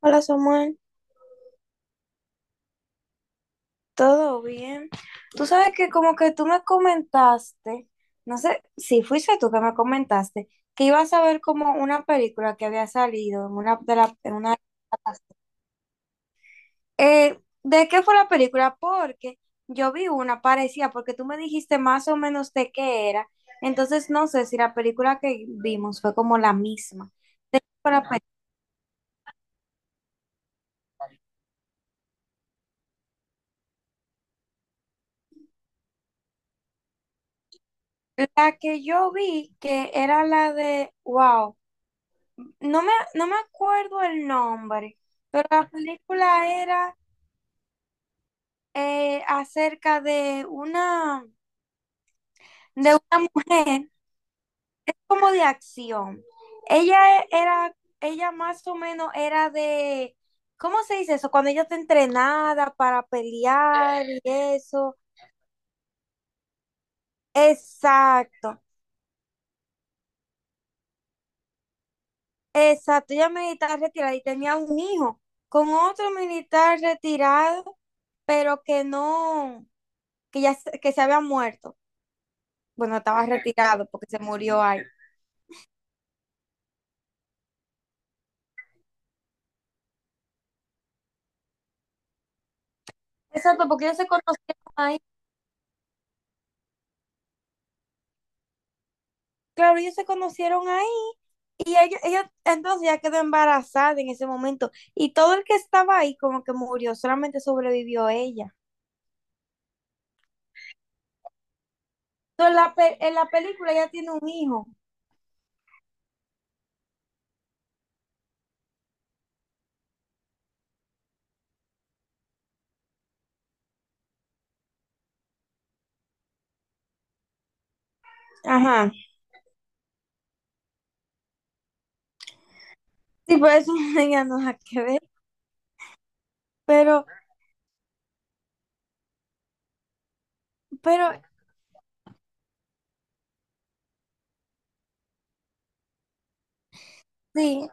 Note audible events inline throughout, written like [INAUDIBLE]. Hola Samuel, ¿todo bien? Tú sabes que como que tú me comentaste, no sé si fuiste tú que me comentaste, que ibas a ver como una película que había salido en una de la, en una, ¿de qué fue la película? Porque yo vi una parecida, porque tú me dijiste más o menos de qué era, entonces no sé si la película que vimos fue como la misma. ¿De qué fue la película? La que yo vi, que era la de, wow. No me acuerdo el nombre, pero la película era acerca de una mujer como de acción. Ella e- era, ella más o menos era de, ¿cómo se dice eso? Cuando ella está entrenada para pelear y eso. Exacto, exacto. Ella militar retirada y tenía un hijo con otro militar retirado, pero que no, que se había muerto. Bueno, estaba retirado porque se murió ahí. Exacto, porque ellos se conocieron ahí. Claro, ellos se conocieron ahí y entonces ya quedó embarazada en ese momento y todo el que estaba ahí como que murió, solamente sobrevivió ella. Entonces en la película ella tiene un hijo. Ajá. Sí, por eso [LAUGHS] ella no la que ver. Pero, pero sí,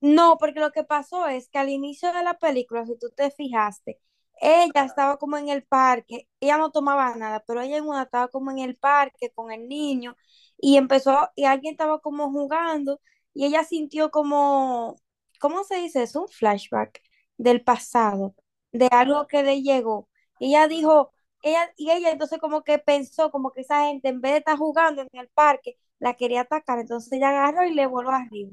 no, porque lo que pasó es que al inicio de la película, si tú te fijaste, ella estaba como en el parque, ella no tomaba nada, pero ella en una estaba como en el parque con el niño y empezó, y alguien estaba como jugando y ella sintió como, ¿cómo se dice? Es un flashback del pasado, de algo que le llegó. Y ella dijo, ella entonces como que pensó como que esa gente en vez de estar jugando en el parque, la quería atacar, entonces ella agarró y le voló arriba.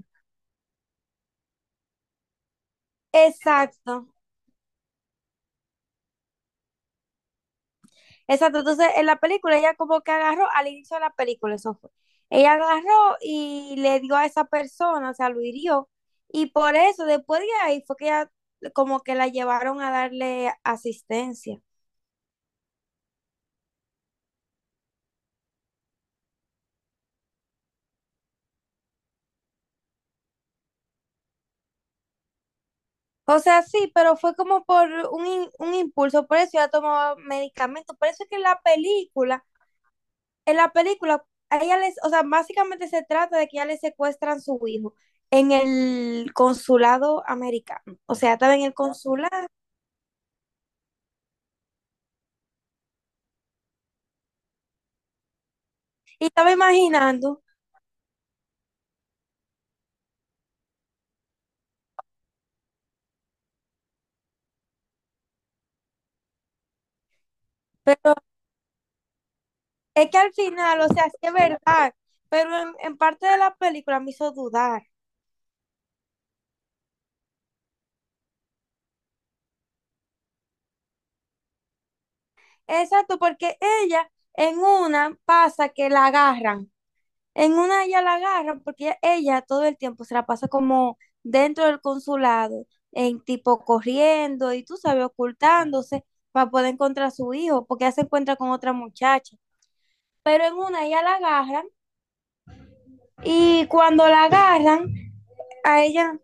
Exacto, exacto. Entonces, en la película, ella como que agarró, al inicio de la película, eso fue. Ella agarró y le dio a esa persona, o sea, lo hirió. Y por eso, después de ahí, fue que ella como que la llevaron a darle asistencia. O sea, sí, pero fue como por un, un impulso, por eso ella tomaba medicamentos. Por eso es que en la película, a ella les, o sea, básicamente se trata de que ya le secuestran su hijo en el consulado americano. O sea, estaba en el consulado y estaba imaginando, pero es que al final, o sea, sí es verdad, pero en parte de la película me hizo dudar. Exacto, porque ella en una pasa que la agarran. En una ella la agarran porque ella todo el tiempo se la pasa como dentro del consulado, en tipo corriendo y tú sabes, ocultándose para poder encontrar a su hijo, porque ella se encuentra con otra muchacha. Pero en una ella la agarran y cuando la agarran, a ella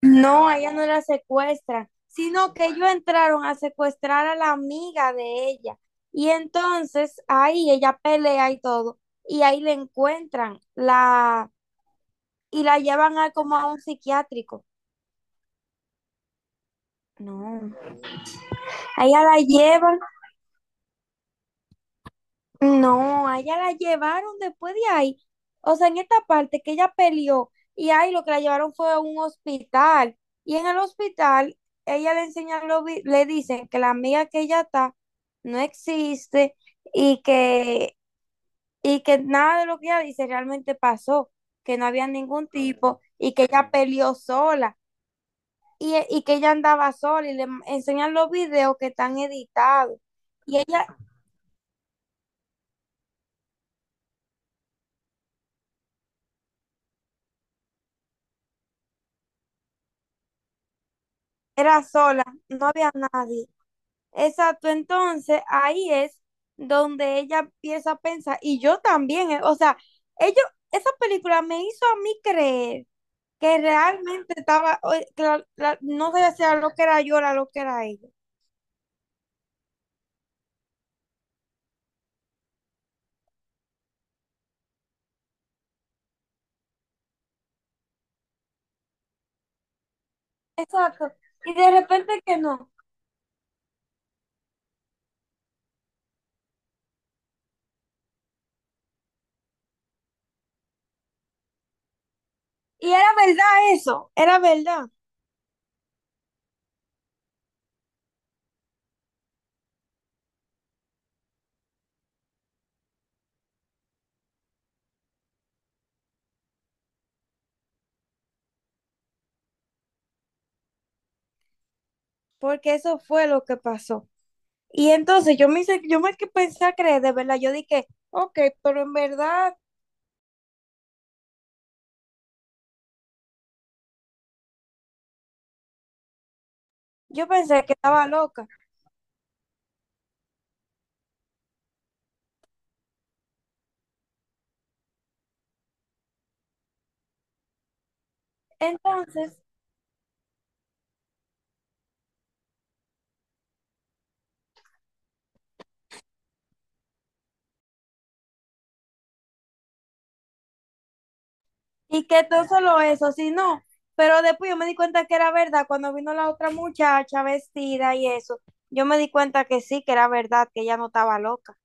no la secuestran, sino que ellos entraron a secuestrar a la amiga de ella. Y entonces ahí ella pelea y todo, y ahí le encuentran la y la llevan a como a un psiquiátrico. No, a ella la llevan, no, a ella la llevaron después de ahí. O sea, en esta parte que ella peleó y ahí lo que la llevaron fue a un hospital. Y en el hospital, ella le enseñan, le dicen que la amiga que ella está no existe y que, y que nada de lo que ella dice realmente pasó, que no había ningún tipo y que ella peleó sola. Y, y que ella andaba sola y le enseñan los videos que están editados. Ella era sola, no había nadie. Exacto, entonces ahí es donde ella empieza a pensar, y yo también, o sea, ellos, esa película me hizo a mí creer que realmente estaba, que no sabía si era lo que era yo, era lo que era ella. Exacto, y de repente que no. Y era verdad eso, era verdad, porque eso fue lo que pasó. Y entonces yo me hice, yo me que pensé a creer, de verdad, yo dije, ok, pero en verdad yo pensé que estaba loca. Entonces, y que todo solo eso, si no, pero después yo me di cuenta que era verdad, cuando vino la otra muchacha vestida y eso, yo me di cuenta que sí, que era verdad, que ella no estaba loca.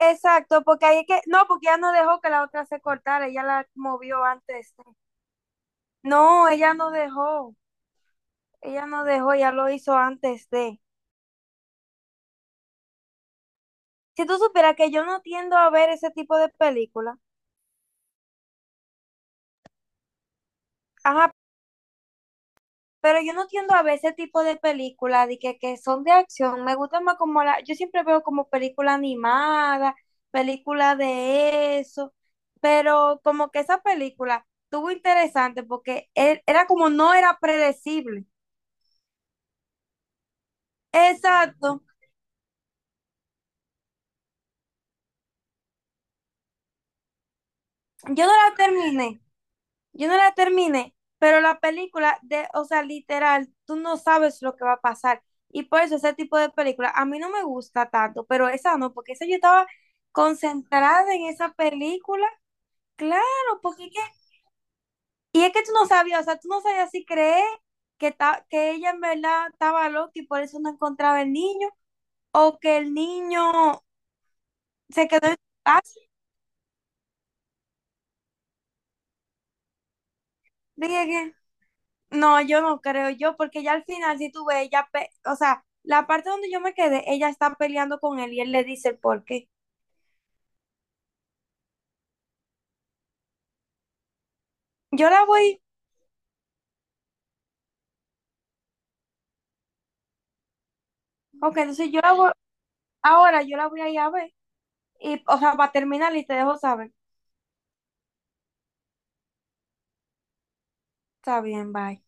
Exacto, porque ahí es que, no, porque ella no dejó que la otra se cortara, ella la movió antes de. No, ella no dejó, ella no dejó, ella lo hizo antes de. Si tú supieras que yo no tiendo a ver ese tipo de película, ajá, pero yo no tiendo a ver ese tipo de películas de que son de acción, me gusta más como la, yo siempre veo como película animada, película de eso, pero como que esa película estuvo interesante porque era como no era predecible. Exacto, yo no la terminé. Yo no la terminé, pero la película de, o sea, literal, tú no sabes lo que va a pasar. Y por eso ese tipo de película a mí no me gusta tanto, pero esa no, porque esa yo estaba concentrada en esa película. Claro, porque es que, y es que tú no sabías, o sea, tú no sabías si creer que, que ella en verdad estaba loca y por eso no encontraba el niño, o que el niño se quedó en su casa. Dije que- No, yo no creo yo, porque ya al final, si tú ves, ella, o sea, la parte donde yo me quedé, ella está peleando con él y él le dice el por qué. Yo la voy, ok, entonces yo la voy, ahora yo la voy a ir a ver, y, o sea, para terminar y te dejo saber. Está bien, bye.